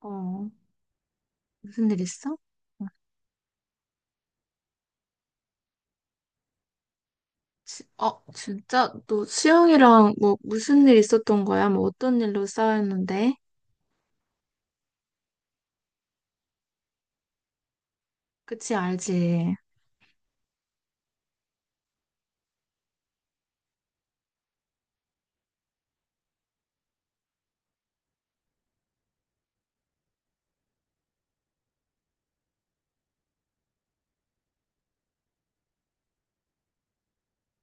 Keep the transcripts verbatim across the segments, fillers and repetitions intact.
어, 무슨 일 있어? 어, 지- 어, 진짜? 너 수영이랑 뭐 무슨 일 있었던 거야? 뭐 어떤 일로 싸웠는데? 그치, 알지?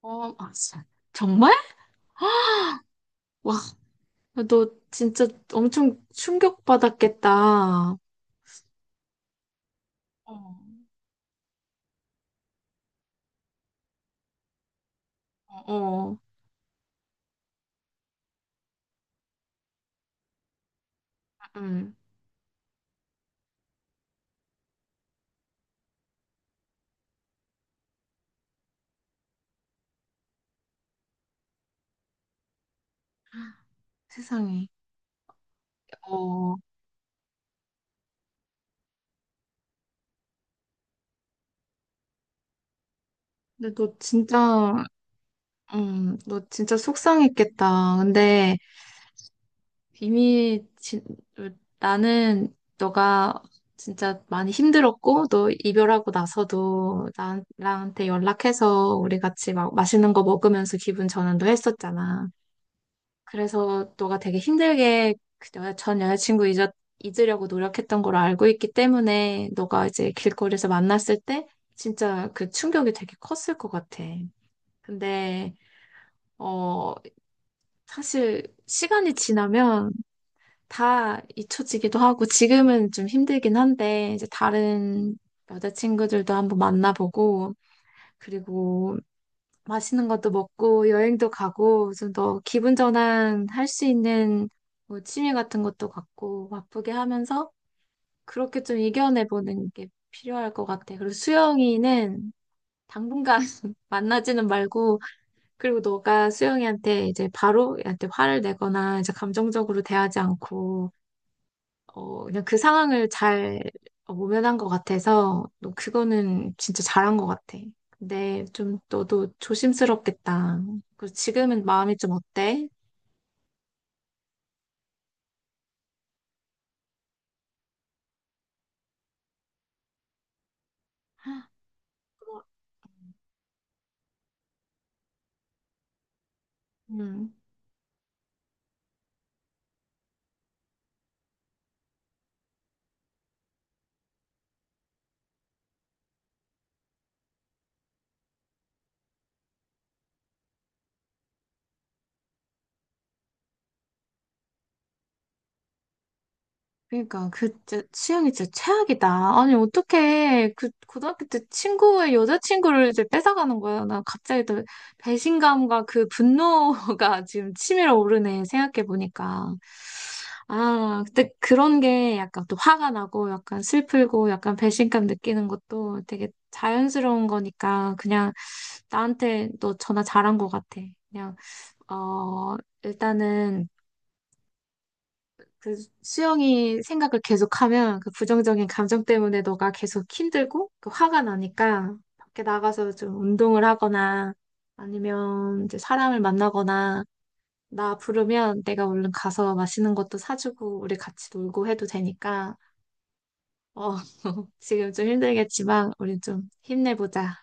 어, 아, 진짜. 정말? 와, 너 진짜 엄청 충격받았겠다. 어, 어, 어, 응, 세상에. 어, 근데 너 진짜, 음, 너 진짜 속상했겠다. 근데 이미 진, 나는 너가 진짜 많이 힘들었고 너 이별하고 나서도 나, 나한테 연락해서 우리 같이 막 맛있는 거 먹으면서 기분 전환도 했었잖아. 그래서 너가 되게 힘들게 그 여, 전 여자친구 잊어, 잊으려고 노력했던 걸 알고 있기 때문에 너가 이제 길거리에서 만났을 때 진짜 그 충격이 되게 컸을 것 같아. 근데 어 사실 시간이 지나면 다 잊혀지기도 하고 지금은 좀 힘들긴 한데 이제 다른 여자친구들도 한번 만나보고 그리고 맛있는 것도 먹고 여행도 가고 좀 더 기분 전환 할 수 있는 뭐 취미 같은 것도 갖고 바쁘게 하면서 그렇게 좀 이겨내보는 게 필요할 것 같아. 그리고 수영이는 당분간 만나지는 말고 그리고 너가 수영이한테 이제 바로 얘한테 화를 내거나 이제 감정적으로 대하지 않고 어, 그냥 그 상황을 잘 어, 모면한 것 같아서, 너 그거는 진짜 잘한 것 같아. 근데 좀 너도 조심스럽겠다. 그 지금은 마음이 좀 어때? 음. 그러니까 그 진짜 취향이 진짜 최악이다. 아니 어떻게 그 고등학교 때 친구의 여자친구를 이제 뺏어가는 거야. 나 갑자기 또 배신감과 그 분노가 지금 치밀어 오르네 생각해 보니까. 아 근데 그런 게 약간 또 화가 나고 약간 슬프고 약간 배신감 느끼는 것도 되게 자연스러운 거니까 그냥 나한테 너 전화 잘한 것 같아. 그냥 어 일단은 그 수영이 생각을 계속하면 그 부정적인 감정 때문에 너가 계속 힘들고 그 화가 나니까 밖에 나가서 좀 운동을 하거나 아니면 이제 사람을 만나거나 나 부르면 내가 얼른 가서 맛있는 것도 사주고 우리 같이 놀고 해도 되니까 어 지금 좀 힘들겠지만 우리 좀 힘내보자.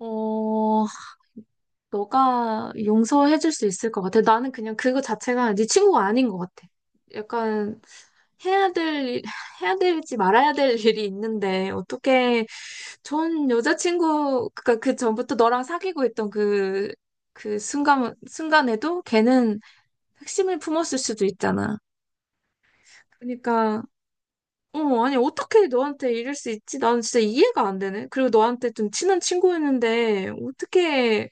어 너가 용서해줄 수 있을 것 같아. 나는 그냥 그거 자체가 네 친구가 아닌 것 같아. 약간 해야 될, 일- 해야 될지 말아야 될 일이 있는데 어떻게 전 여자친구, 그니까 그 전부터 너랑 사귀고 있던 그, 그 순간, 순간에도 걔는 핵심을 품었을 수도 있잖아. 그러니까, 어, 아니, 어떻게 너한테 이럴 수 있지? 나는 진짜 이해가 안 되네. 그리고 너한테 좀 친한 친구였는데 어떻게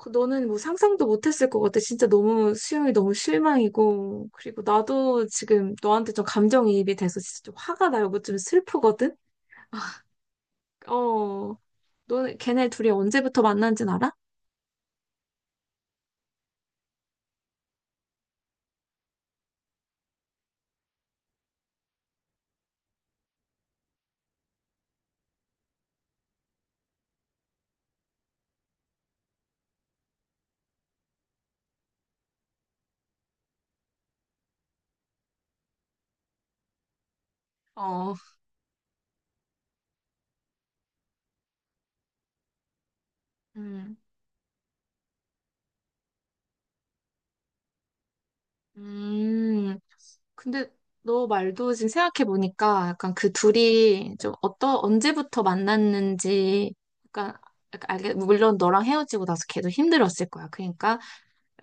그 너는 뭐 상상도 못했을 것 같아. 진짜 너무 수영이 너무 실망이고. 그리고 나도 지금 너한테 좀 감정이입이 돼서 진짜 좀 화가 나고 뭐 좀 슬프거든? 어, 너는 걔네 둘이 언제부터 만난진 알아? 어, 음, 음, 근데 너 말도 지금 생각해보니까 약간 그 둘이 좀 어떠, 언제부터 만났는지 약간, 약간 알게, 물론 너랑 헤어지고 나서 걔도 힘들었을 거야. 그러니까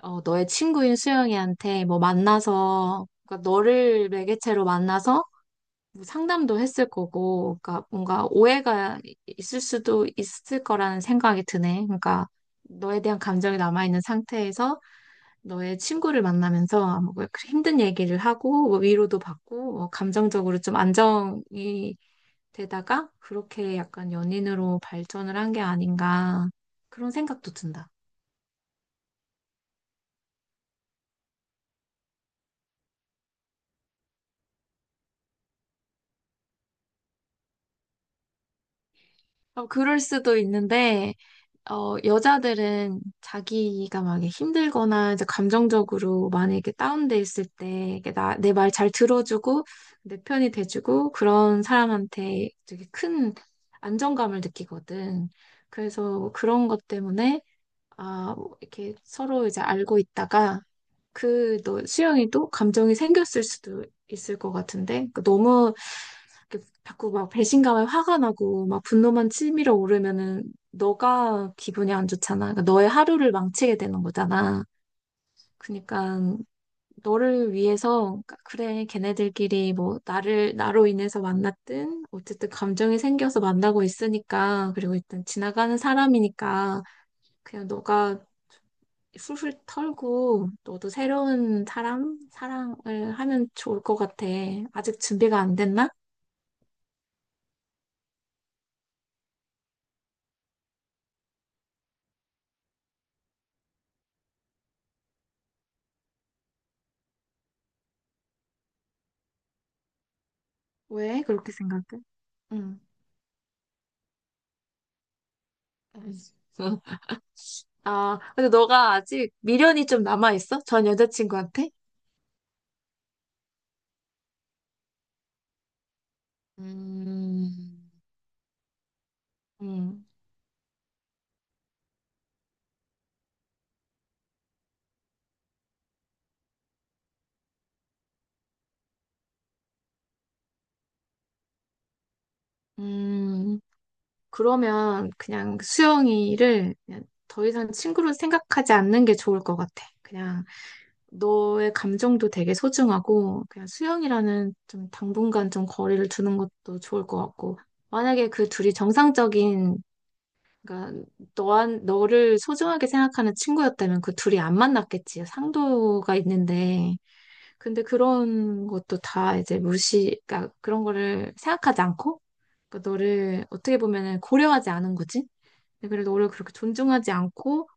어, 너의 친구인 수영이한테 뭐 만나서, 그러니까 너를 매개체로 만나서 뭐 상담도 했을 거고, 그러니까 뭔가 오해가 있을 수도 있을 거라는 생각이 드네. 그러니까 너에 대한 감정이 남아있는 상태에서 너의 친구를 만나면서 뭐그 힘든 얘기를 하고, 뭐 위로도 받고, 뭐 감정적으로 좀 안정이 되다가 그렇게 약간 연인으로 발전을 한 게 아닌가 그런 생각도 든다. 어, 그럴 수도 있는데, 어, 여자들은 자기가 막 이렇게 힘들거나 이제 감정적으로 많이 이렇게 다운돼 있을 때 이렇게 나, 내 말 잘 들어주고 내 편이 돼주고 그런 사람한테 되게 큰 안정감을 느끼거든. 그래서 그런 것 때문에 아, 뭐 이렇게 서로 이제 알고 있다가 그 너 수영이도 감정이 생겼을 수도 있을 것 같은데 그 너무 이렇게 자꾸 막 배신감에 화가 나고 막 분노만 치밀어 오르면은 너가 기분이 안 좋잖아. 그러니까 너의 하루를 망치게 되는 거잖아. 그러니까 너를 위해서 그러니까 그래 걔네들끼리 뭐 나를 나로 인해서 만났든 어쨌든 감정이 생겨서 만나고 있으니까 그리고 일단 지나가는 사람이니까 그냥 너가 훌훌 털고 너도 새로운 사람 사랑을 하면 좋을 것 같아. 아직 준비가 안 됐나? 왜 그렇게 생각해? 응. 알겠어. 아, 근데 너가 아직 미련이 좀 남아있어? 전 여자친구한테? 음, 음, 음. 그러면 그냥 수영이를 그냥 더 이상 친구로 생각하지 않는 게 좋을 것 같아. 그냥 너의 감정도 되게 소중하고, 그냥 수영이라는 좀 당분간 좀 거리를 두는 것도 좋을 것 같고, 만약에 그 둘이 정상적인 그러니까 너한 너를 소중하게 생각하는 친구였다면 그 둘이 안 만났겠지. 상도가 있는데. 근데 그런 것도 다 이제 무시, 그러니까 그런 거를 생각하지 않고 그러니까 너를 어떻게 보면은 고려하지 않은 거지. 근데 그래도 너를 그렇게 존중하지 않고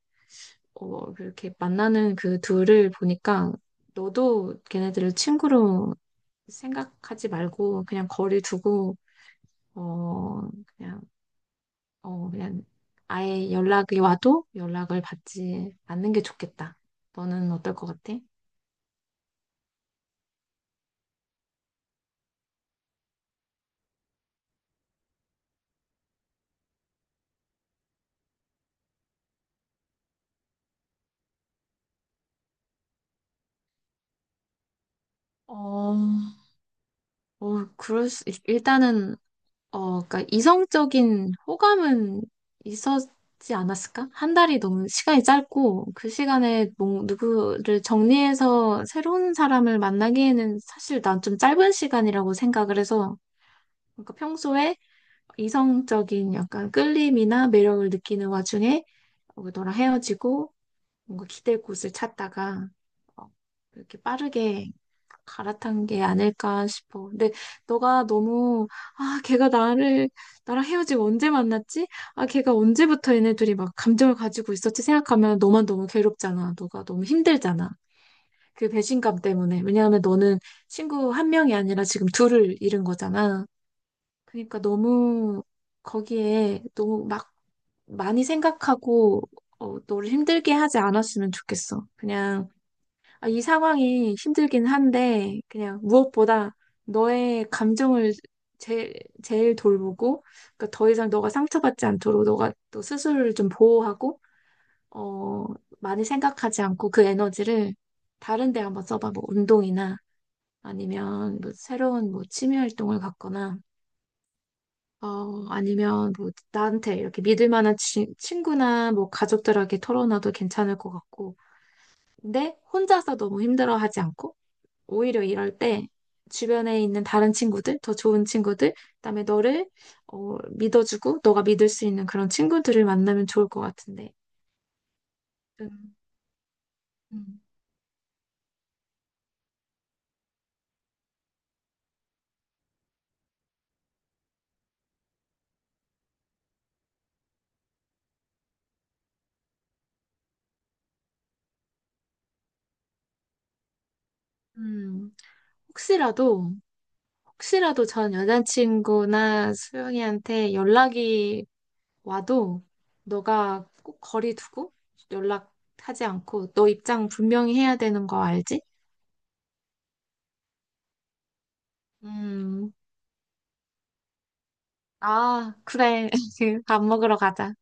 어 그렇게 만나는 그 둘을 보니까 너도 걔네들을 친구로 생각하지 말고 그냥 거리 두고 어 그냥 어, 그냥 아예 연락이 와도 연락을 받지 않는 게 좋겠다. 너는 어떨 것 같아? 어, 어, 그럴 수, 일- 일단은, 어, 그니까 이성적인 호감은 있었지 않았을까? 한 달이 너무 시간이 짧고, 그 시간에 뭐, 누구를 정리해서 새로운 사람을 만나기에는 사실 난 좀 짧은 시간이라고 생각을 해서, 그러니까 평소에 이성적인 약간 끌림이나 매력을 느끼는 와중에 어, 너랑 헤어지고, 뭔가 기댈 곳을 찾다가 어, 이렇게 빠르게 갈아탄 게 아닐까 싶어. 근데 너가 너무 아 걔가 나를 나랑 헤어지고 언제 만났지? 아 걔가 언제부터 얘네들이 막 감정을 가지고 있었지 생각하면 너만 너무 괴롭잖아. 너가 너무 힘들잖아. 그 배신감 때문에. 왜냐하면 너는 친구 한 명이 아니라 지금 둘을 잃은 거잖아. 그러니까 너무 거기에 너무 막 많이 생각하고 어, 너를 힘들게 하지 않았으면 좋겠어. 그냥 아, 이 상황이 힘들긴 한데, 그냥 무엇보다 너의 감정을 제, 제일 돌보고, 그러니까 더 이상 너가 상처받지 않도록 너가 또 스스로를 좀 보호하고, 어, 많이 생각하지 않고 그 에너지를 다른 데 한번 써봐. 뭐 운동이나 아니면 뭐 새로운 뭐 취미 활동을 갖거나, 어, 아니면 뭐 나한테 이렇게 믿을 만한 치, 친구나 뭐 가족들에게 털어놔도 괜찮을 것 같고, 근데 혼자서 너무 힘들어하지 않고, 오히려 이럴 때 주변에 있는 다른 친구들, 더 좋은 친구들, 그다음에 너를 어, 믿어주고 너가 믿을 수 있는 그런 친구들을 만나면 좋을 것 같은데. 음, 음, 음. 혹시라도 혹시라도 전 여자친구나 수영이한테 연락이 와도 너가 꼭 거리 두고 연락하지 않고 너 입장 분명히 해야 되는 거 알지? 음, 아, 그래. 밥 먹으러 가자.